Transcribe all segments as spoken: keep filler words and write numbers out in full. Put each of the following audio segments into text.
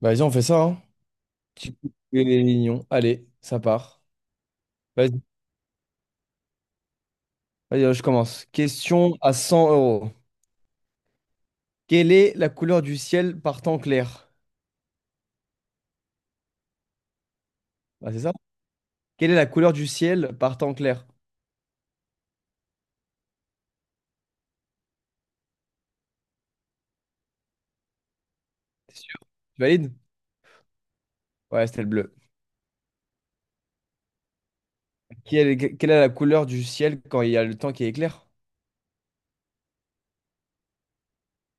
Bah, vas-y, on fait ça, hein. Petit coup de réunion. Allez, ça part. Vas-y, vas-y, je commence. Question à cent euros. Quelle est la couleur du ciel par temps clair? Bah, c'est ça? Quelle est la couleur du ciel par temps clair? T'es sûr? Tu valides? Ouais, c'était le bleu. Quelle, quelle est la couleur du ciel quand il y a le temps qui est clair?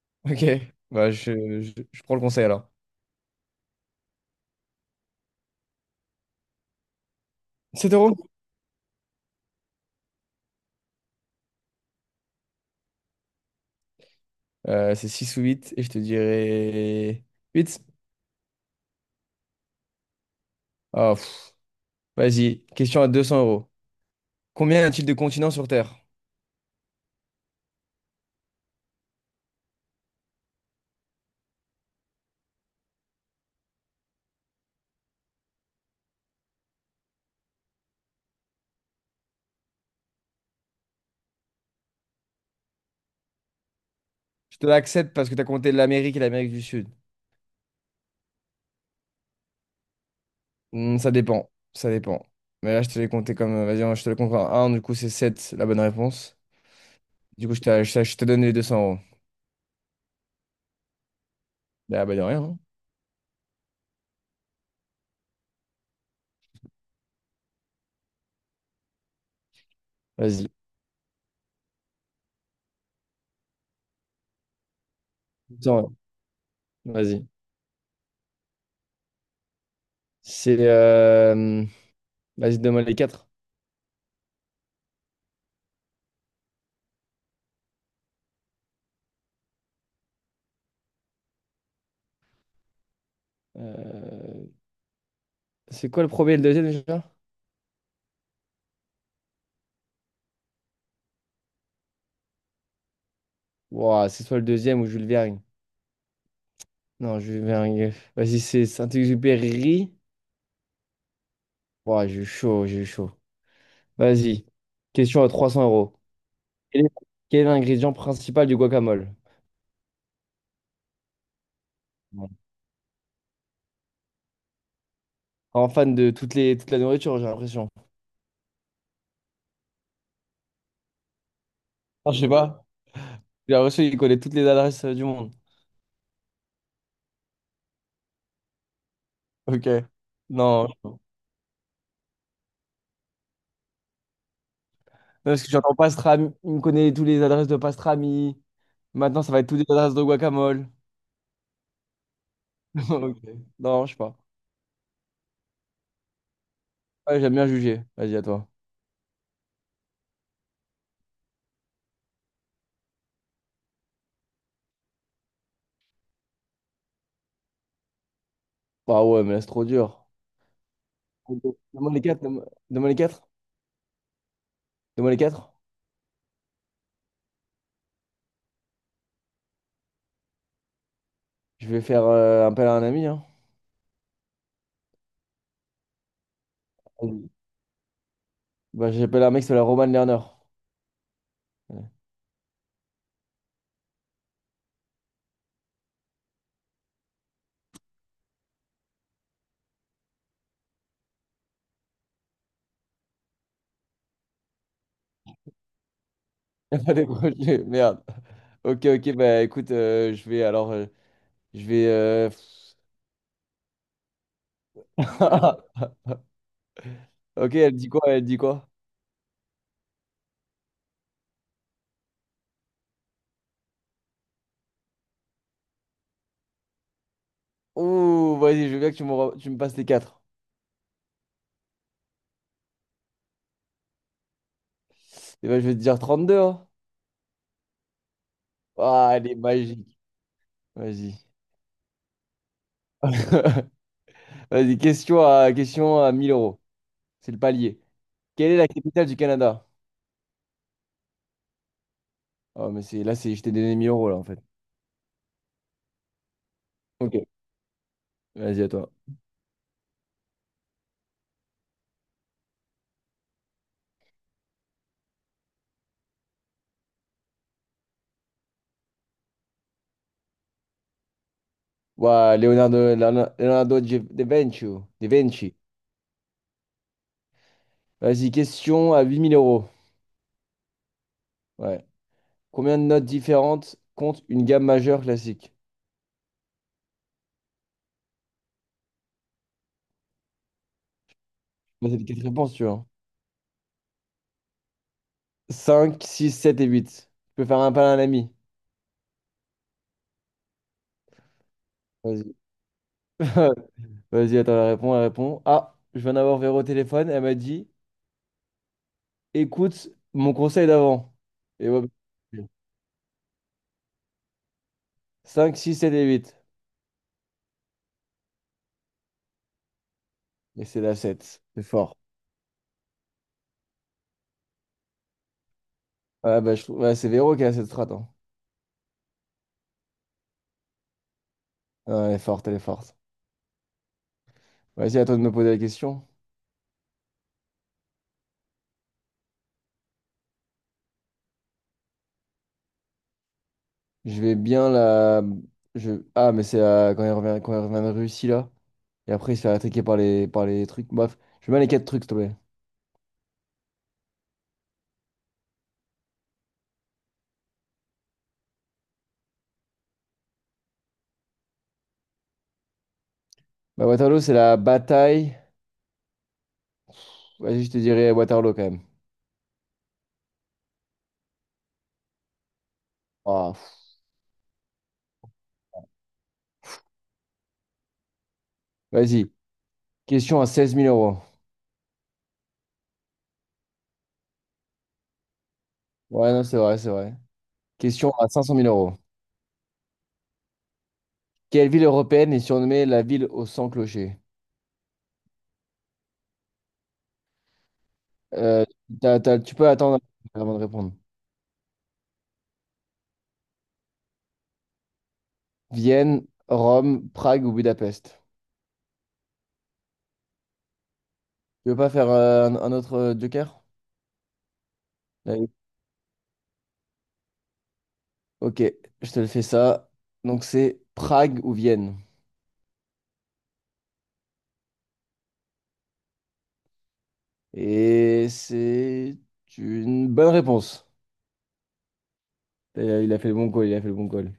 Ok, bah, je, je- je prends le conseil alors. sept euros? Euh, c'est six ou huit et je te dirais huit. Ah, pff. Vas-y, question à deux cents euros. Combien y a-t-il de continents sur Terre? Je te l'accepte parce que t'as compté l'Amérique et l'Amérique du Sud. Hmm, ça dépend. Ça dépend. Mais là, je te l'ai compté comme. euh, Vas-y, hein, je te le compte en un. Du coup, c'est sept, la bonne réponse. Du coup, je te, je te- je te donne les deux cents euros. Bah, bah, de rien, hein. Vas-y. deux cents euros. Vas-y. C'est. Euh, Vas-y, donne-moi les quatre. C'est quoi le premier et le deuxième déjà? Ouah, c'est soit le deuxième ou Jules Vergne. Non, Jules Vergne. Vas-y, c'est Saint-Exupéry. Ouah, j'ai eu chaud, j'ai eu chaud. Vas-y. Question à trois cents euros. Quel est quel est l'ingrédient principal du guacamole? Bon. En fan de toutes les, toute la nourriture, j'ai l'impression. Ah, je sais pas. J'ai l'impression qu'il connaît toutes les adresses euh, du monde. Ok. Non. Non, parce que j'entends pastrami. Il me connaît toutes les adresses de pastrami. Maintenant, ça va être toutes les adresses de guacamole. Ok. Non, je sais pas. Ouais, j'aime bien juger. Vas-y, à toi. Bah ouais, mais là, c'est trop dur. Ok. Donne-moi les quatre. Donne-moi donne-moi les quatre. Donne-moi les quatre. Je vais faire euh, appel à un ami, hein. Vas-y. Bah, j'appelle un mec, c'est la Roman Lerner. Il y a pas des projets, merde. Ok, ok, bah écoute, euh, je vais alors, euh, je vais. euh, Ok, elle dit quoi? Elle dit quoi? Ouh, vas-y, je veux bien que tu me, re- tu me passes les quatre. Et ben, je vais te dire trente-deux, hein. Ah, elle est magique. Vas-y. Vas-y, question à, question à mille euros. C'est le palier. Quelle est la capitale du Canada? Oh, mais c'est là, c'est, je t'ai donné mille euros, là, en fait. Ok, vas-y, à toi. Ouah, Leonardo, Leonardo Leonardo da Vinci. Da Vinci. Vas-y, question à huit mille euros. Ouais. Combien de notes différentes compte une gamme majeure classique? Bah, c'est les quatre réponses, tu vois. Cinq, six, sept et huit. Tu peux faire un pain à l'ami Vas-y. Vas-y, attends, elle répond, elle répond. Ah, je viens d'avoir Véro au téléphone. Elle m'a dit, écoute mon conseil d'avant. Et ouais, cinq, six, sept et huit. Et c'est la sept. C'est fort. Ouais, bah, je trouve- ouais, c'est Véro qui a cette strat, hein. Ouais, elle est forte, elle est forte. Vas-y, à toi de me poser la question. Je vais bien la. Je. Ah, mais c'est la- quand elle revient, quand elle revient de Russie, là. Et après, il se fait attaquer par les, par les trucs. Bref, je mets les quatre trucs, s'il te plaît. Bah, Waterloo, c'est la bataille. Vas-y, je te dirais Waterloo quand même. Ah, pff. Vas-y. Question à seize mille euros. Ouais, non, c'est vrai, c'est vrai. Question à cinq cent mille euros. Quelle ville européenne est surnommée la ville aux cent clochers? Euh, t'as- t'as- Tu peux attendre avant de répondre. Vienne, Rome, Prague ou Budapest? Tu veux pas faire euh, un, un autre euh, joker? Allez. Ok, je te le fais ça. Donc, c'est Prague ou Vienne? Et c'est une bonne réponse. Et il a fait le bon call, il a fait le bon call.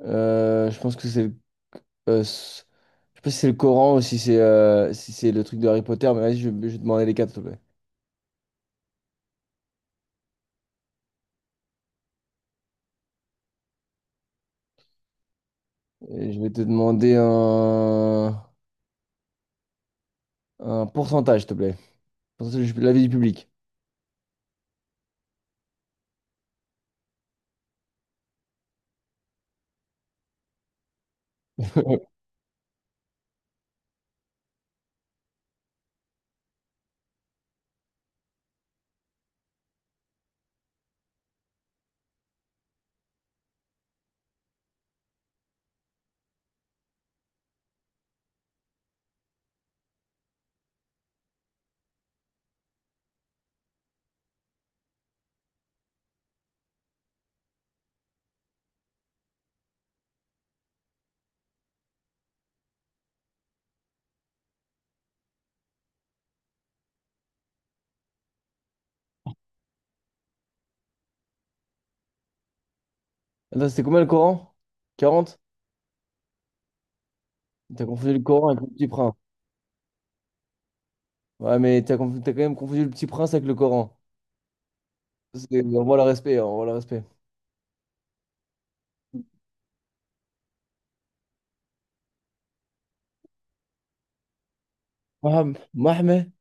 Euh, je pense que c'est le... euh, c- je sais pas si c'est le Coran ou si c'est euh, si c'est le truc de Harry Potter, mais vas-y, je, je vais te demander les quatre, s'il te plaît. Et je vais te demander un, un pourcentage, s'il te plaît. Pourcentage de l'avis du public. Attends, c'était combien le Coran? Quarante. T'as confondu le Coran avec le Petit Prince. Ouais, mais t'as conf- t'as quand même confondu le Petit Prince avec le Coran. C'est- On voit le respect, hein, on voit le respect. Mohamed. Mohamed.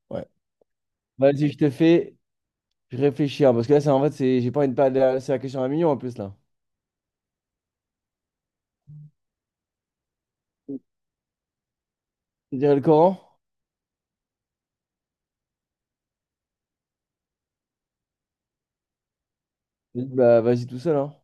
Vas-y, je te fais je réfléchis, hein, parce que là, c'est en fait, c'est, j'ai pas une de perdre la- c'est la question à un million en plus, là. Tu dirais le Coran? Vas-y, bah, vas-y tout seul, hein.